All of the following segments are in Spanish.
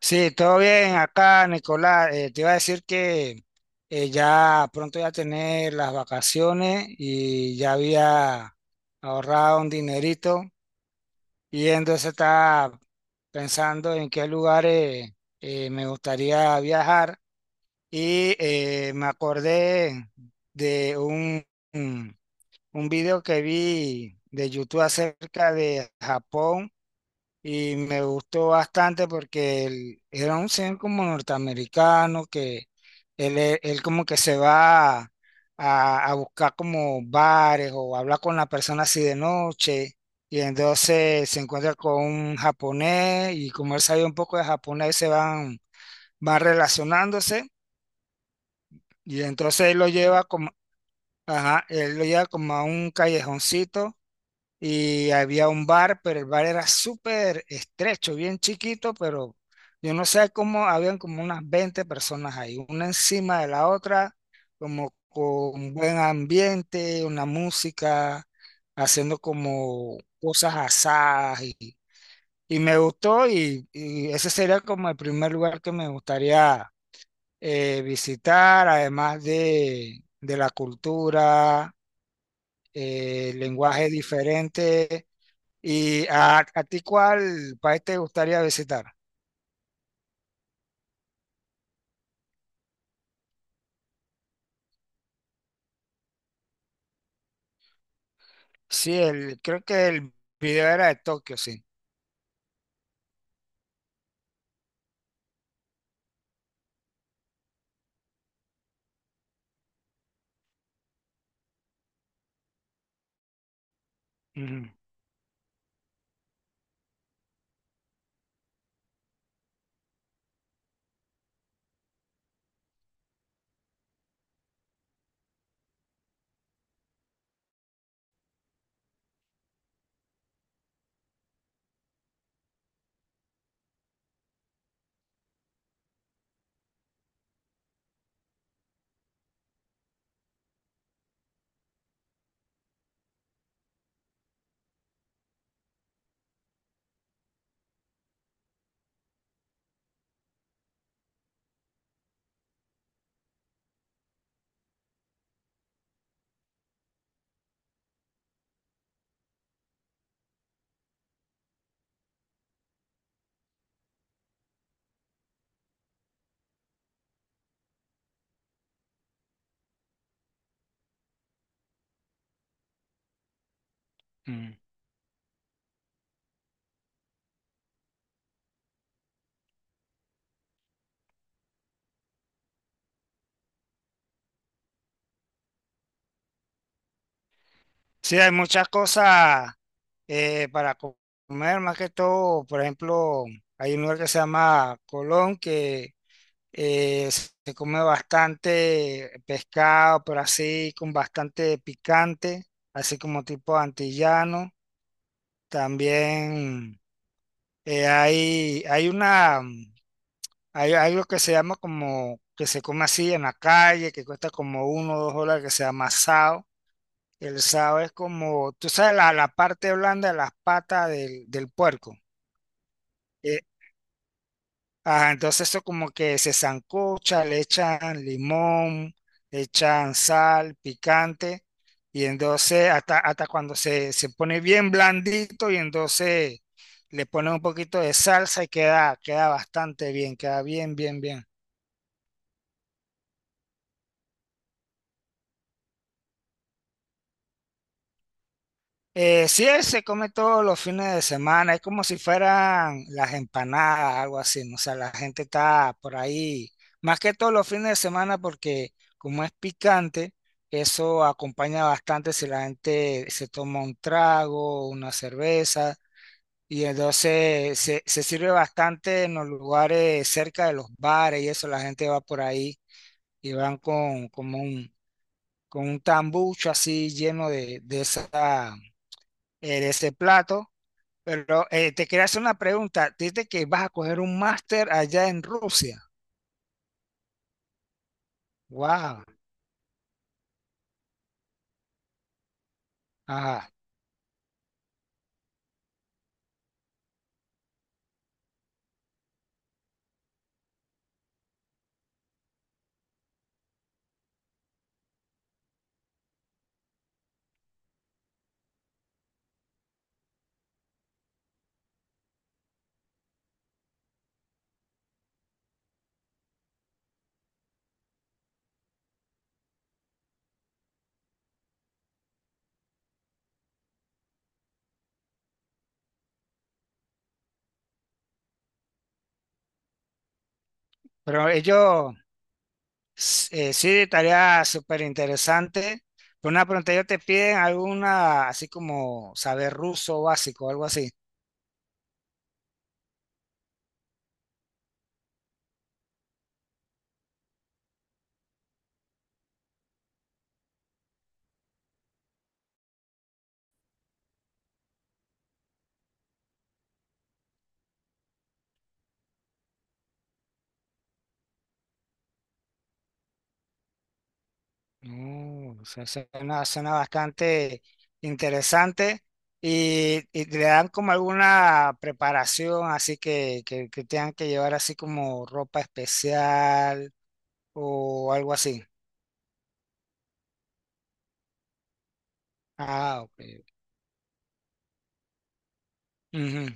Sí, todo bien acá, Nicolás. Te iba a decir que ya pronto ya tener las vacaciones y ya había ahorrado un dinerito y entonces estaba pensando en qué lugares me gustaría viajar y me acordé de un un video que vi de YouTube acerca de Japón y me gustó bastante porque él era un señor como norteamericano que él como que se va a buscar como bares o habla con la persona así de noche y entonces se encuentra con un japonés y como él sabía un poco de japonés van relacionándose y entonces él lo lleva como, ajá, él lo lleva como a un callejoncito y había un bar, pero el bar era súper estrecho, bien chiquito, pero yo no sé cómo, habían como unas 20 personas ahí, una encima de la otra, como con buen ambiente, una música, haciendo como cosas asadas, y me gustó, y ese sería como el primer lugar que me gustaría visitar, además de la cultura, lenguaje diferente. ¿Y a ti cuál país te gustaría visitar? Sí, creo que el video era de Tokio, sí. Ujú, ujú. Sí, hay muchas cosas para comer, más que todo, por ejemplo, hay un lugar que se llama Colón, que se come bastante pescado, pero así con bastante picante, así como tipo antillano. También hay una... Hay algo que se llama como, que se come así en la calle, que cuesta como $1 o $2, que se llama sao. El sao es como, tú sabes, la parte blanda de las patas del puerco. Eh, ajá, entonces eso como que se sancocha, le echan limón, le echan sal, picante, y entonces hasta cuando se pone bien blandito y entonces le ponen un poquito de salsa y queda, queda bastante bien, queda bien, bien, bien. Sí, él se come todos los fines de semana, es como si fueran las empanadas, algo así, ¿no? O sea, la gente está por ahí, más que todos los fines de semana porque como es picante, eso acompaña bastante si la gente se toma un trago, una cerveza, y entonces se sirve bastante en los lugares cerca de los bares y eso, la gente va por ahí y van con, como un, con un tambucho así lleno de esa, de ese plato, pero te quería hacer una pregunta. Dices que vas a coger un máster allá en Rusia. Wow. Ajá. Pero ellos sí, tarea súper interesante. Pero una pregunta, ellos te piden alguna, así como saber ruso básico, algo así. Mm, suena bastante interesante. Y le dan como alguna preparación, así que, tengan que llevar así como ropa especial o algo así. Ah, ok. Ujú,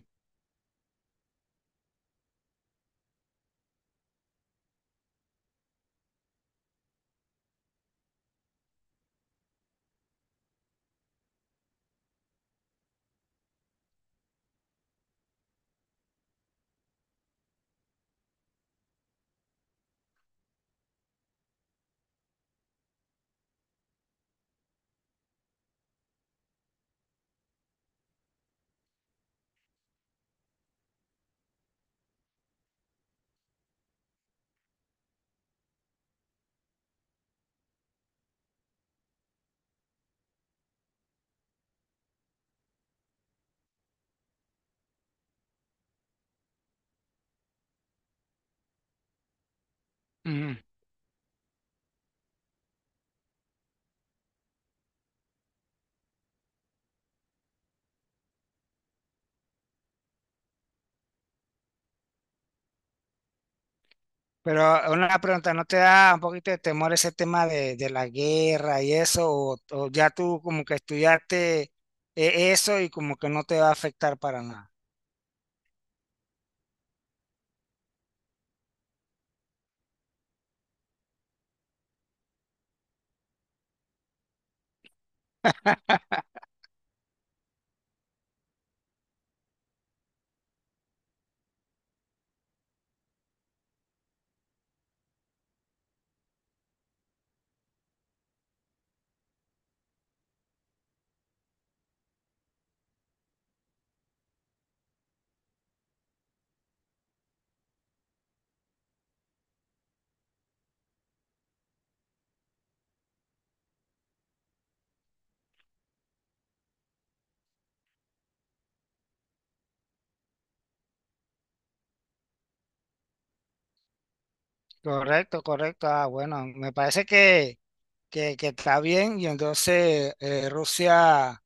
ujú. Pero una pregunta, ¿no te da un poquito de temor ese tema de la guerra y eso? ¿O, o ya tú como que estudiaste eso y como que no te va a afectar para nada? Correcto, correcto. Ah, bueno, me parece que está bien y entonces Rusia,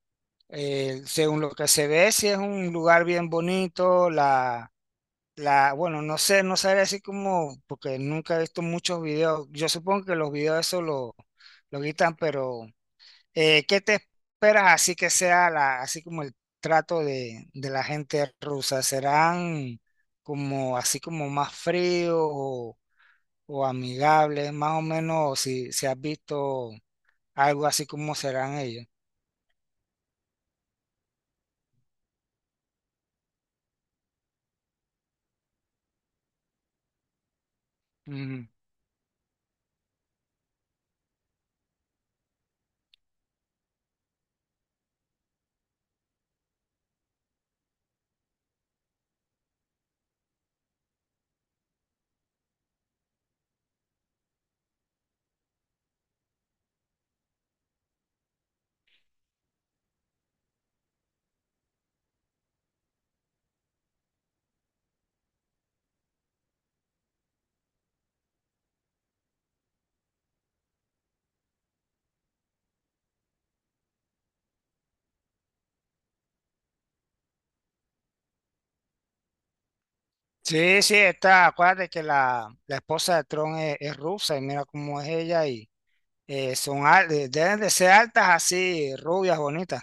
según lo que se ve, sí es un lugar bien bonito. Bueno, no sé, no sabría así como, porque nunca he visto muchos videos. Yo supongo que los videos eso lo quitan, pero ¿qué te esperas así que sea así como el trato de la gente rusa? ¿Serán como así como más fríos o amigables? Más o menos si has visto algo así como serán ellos. Ujú. Sí, sí, está, acuérdate que la esposa de Tron es rusa y mira cómo es ella. Deben de ser altas así, rubias, bonitas.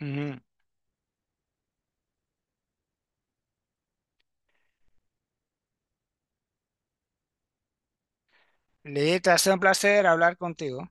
Ujú. Listo, ha sido un placer hablar contigo.